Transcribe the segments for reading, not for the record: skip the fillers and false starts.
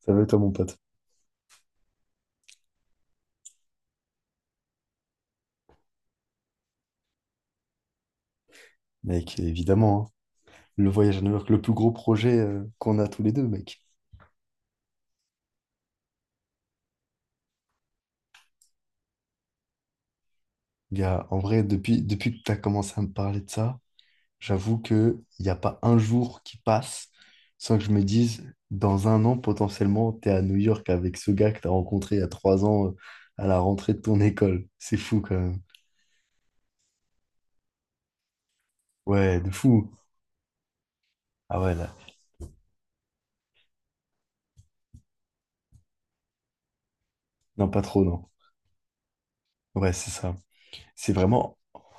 Ça va être à mon pote? Mec, évidemment, hein. Le voyage à New York, le plus gros projet qu'on a tous les deux, mec. Gars, en vrai, depuis que tu as commencé à me parler de ça, j'avoue qu'il n'y a pas un jour qui passe sans que je me dise, dans un an, potentiellement, tu es à New York avec ce gars que tu as rencontré il y a 3 ans à la rentrée de ton école. C'est fou, quand même. Ouais, de fou. Ah ouais, là. Non, pas trop, non. Ouais, c'est ça. C'est vraiment,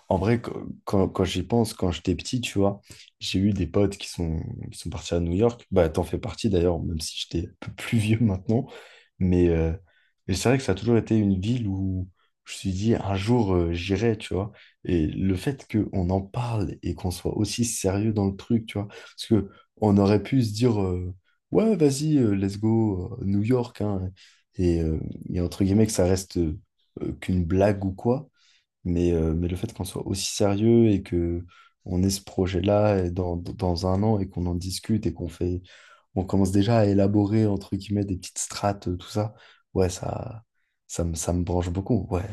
en vrai, quand j'y pense, quand j'étais petit, tu vois, j'ai eu des potes qui sont partis à New York. Bah, t'en fais partie d'ailleurs, même si j'étais un peu plus vieux maintenant. Mais euh, et c'est vrai que ça a toujours été une ville où je me suis dit, un jour, j'irai, tu vois. Et le fait qu'on en parle et qu'on soit aussi sérieux dans le truc, tu vois, parce que on aurait pu se dire, ouais, vas-y, let's go, New York, hein. Et, euh, et entre guillemets, que ça reste qu'une blague ou quoi. Mais le fait qu'on soit aussi sérieux et que on ait ce projet-là et dans un an et qu'on en discute et qu'on fait, on commence déjà à élaborer, entre guillemets, des petites strates, tout ça, ouais, ça, ça me branche beaucoup. Ouais,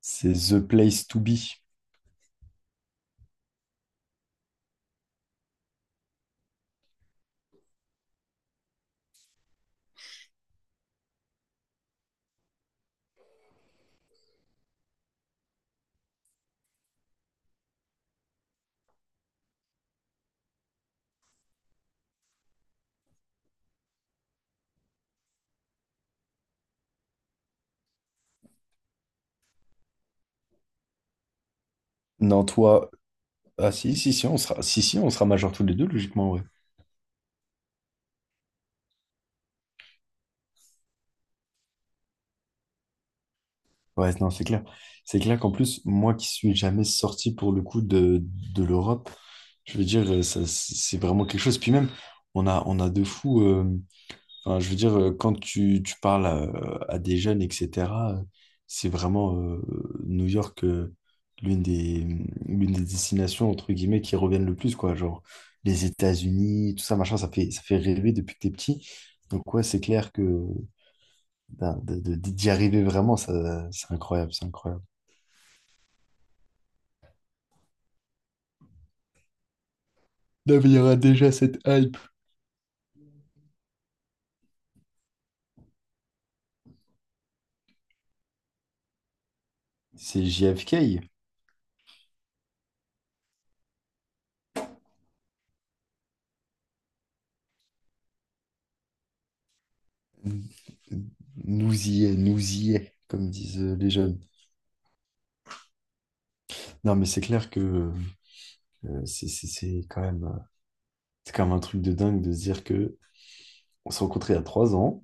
c'est the place to be. Non, toi, ah si, si, si, si, si, on sera majeur tous les deux, logiquement, ouais. Ouais, non, c'est clair. C'est clair qu'en plus, moi qui suis jamais sorti pour le coup de l'Europe, je veux dire, ça, c'est vraiment quelque chose. Puis même, on a de fous. Enfin, je veux dire, quand tu parles à des jeunes, etc., euh, c'est vraiment New York, l'une des, l'une des destinations, entre guillemets, qui reviennent le plus, quoi. Genre, les États-Unis, tout ça, machin, ça fait rêver depuis que t'es petit. Donc, ouais, c'est clair que ben, d'y arriver vraiment, ça, c'est incroyable, c'est incroyable. Non, mais il y aura déjà cette hype. C'est JFK. Nous y est, comme disent les jeunes. Non, mais c'est clair que Euh, C'est c'est- c'est quand même, euh, c'est quand même un truc de dingue de se dire que on s'est rencontrés il y a 3 ans,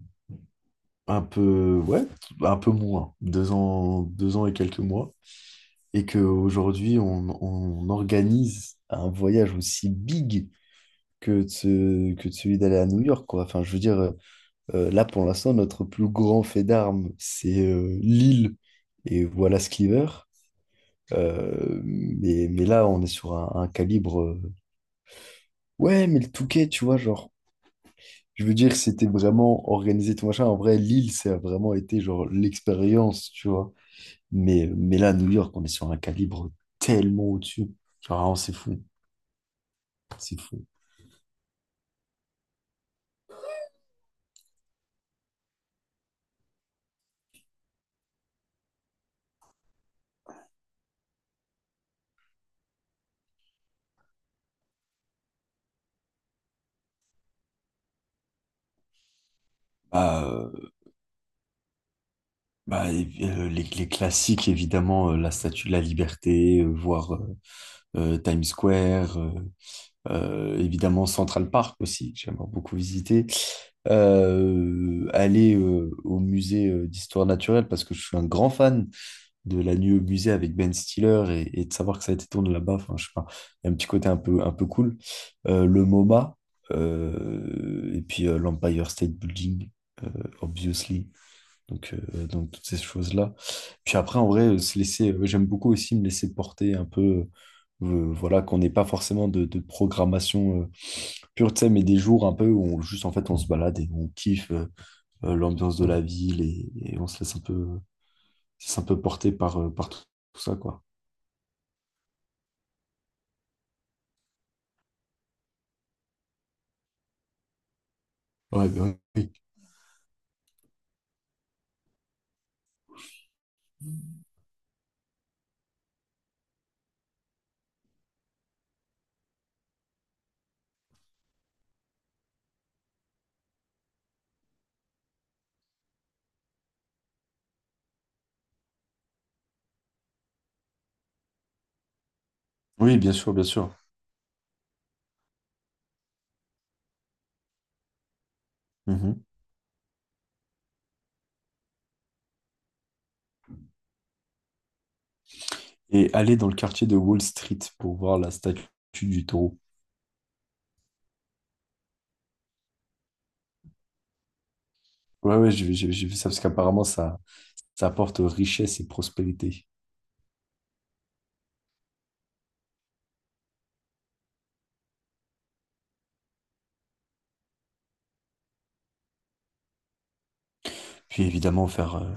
un peu, ouais, un peu moins, 2 ans, 2 ans et quelques mois, et qu'aujourd'hui on organise un voyage aussi big que que de celui d'aller à New York, quoi. Enfin, je veux dire, là pour l'instant, notre plus grand fait d'armes, c'est Lille et Wallace Cleaver. Mais là, on est sur un calibre. Ouais, mais le Touquet, tu vois, genre. Je veux dire, c'était vraiment organisé tout machin. En vrai, Lille, ça a vraiment été genre l'expérience, tu vois. Mais là, New York, on est sur un calibre tellement au-dessus. Genre, vraiment, c'est fou, c'est fou. Bah, bah, et puis, les classiques, évidemment, la Statue de la Liberté, voir Times Square, évidemment Central Park aussi, que j'aimerais beaucoup visiter. Aller au musée d'histoire naturelle parce que je suis un grand fan de la nuit au musée avec Ben Stiller et de savoir que ça a été tourné là-bas. Enfin, je sais pas, il y a un petit côté un peu cool. Le MoMA et puis l'Empire State Building, euh, obviously. Donc toutes ces choses-là. Puis après, en vrai, j'aime beaucoup aussi me laisser porter un peu, voilà, qu'on n'ait pas forcément de programmation pure, tu sais, mais des jours un peu où on, juste, en fait, on se balade et on kiffe l'ambiance de la ville et on se laisse un peu porter par tout ça, quoi. Ouais, bah oui. Oui, bien sûr, bien sûr. Mhm. Et aller dans le quartier de Wall Street pour voir la statue du taureau. Ouais, ouais, j'ai vu ça parce qu'apparemment, ça apporte richesse et prospérité. Puis évidemment, faire, euh,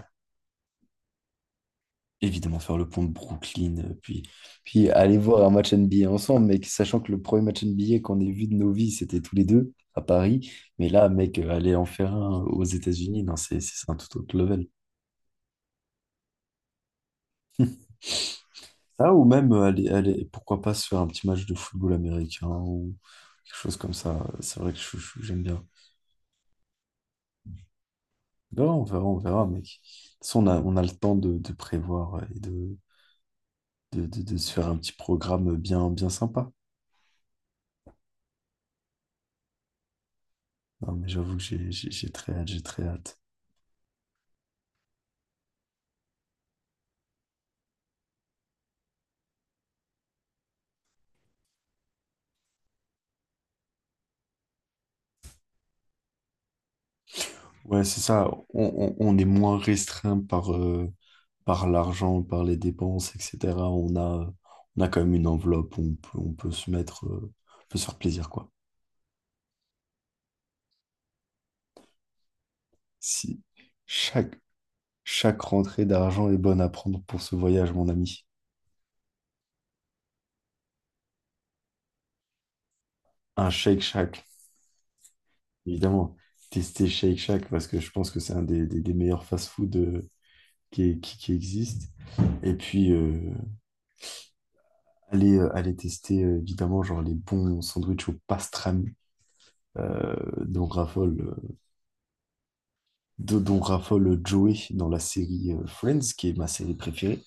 évidemment, faire le pont de Brooklyn. Puis aller voir un match NBA ensemble, mec, sachant que le premier match NBA qu'on ait vu de nos vies, c'était tous les deux à Paris. Mais là, mec, aller en faire un aux États-Unis, non, c'est un tout autre level. Ah, ou même, pourquoi pas se faire un petit match de football américain ou quelque chose comme ça. C'est vrai que j'aime bien. On verra, on verra, on verra, mec. De toute façon, on a le temps de prévoir et de se faire un petit programme bien, bien sympa. Non, mais j'avoue que j'ai très hâte, j'ai très hâte. Ouais, c'est ça. On est moins restreint par l'argent, par les dépenses, etc. On a quand même une enveloppe où on peut se mettre, on peut se faire plaisir, quoi. Si chaque, Chaque rentrée d'argent est bonne à prendre pour ce voyage, mon ami. Un Shake Shack, évidemment. Tester Shake Shack parce que je pense que c'est un des meilleurs fast-food qui existe. Et puis, aller tester, évidemment, genre les bons sandwichs au pastrami euh, dont raffole, euh, dont raffole Joey dans la série Friends, qui est ma série préférée.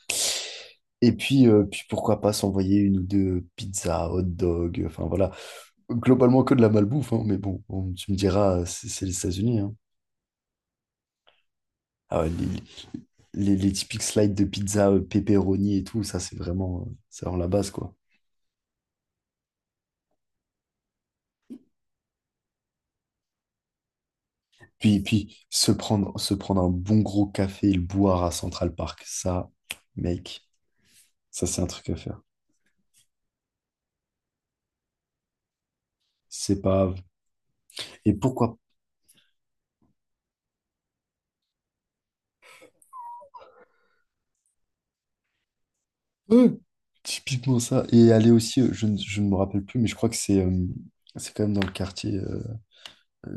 Puis pourquoi pas s'envoyer une ou deux pizzas, hot dog, enfin voilà. Globalement que de la malbouffe, hein, mais bon, tu me diras, c'est les États-Unis, hein. Ah ouais, les typiques slides de pizza, pepperoni et tout, ça c'est vraiment la base, quoi. Puis se prendre un bon gros café et le boire à Central Park, ça, mec, ça c'est un truc à faire. C'est pas grave. Et pourquoi peu, typiquement ça. Et aller aussi, je ne me rappelle plus, mais je crois que c'est quand même dans le quartier,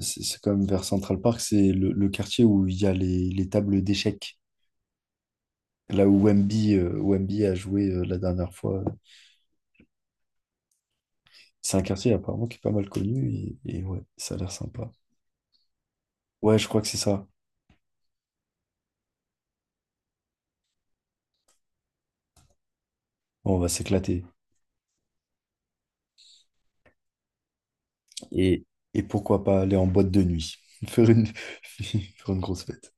c'est quand même vers Central Park, c'est le quartier où il y a les tables d'échecs. Là où Wemby a joué la dernière fois, c'est un quartier apparemment qui est pas mal connu et ouais, ça a l'air sympa. Ouais, je crois que c'est ça. Bon, on va s'éclater. Et, et pourquoi pas aller en boîte de nuit, faire une, faire une grosse fête.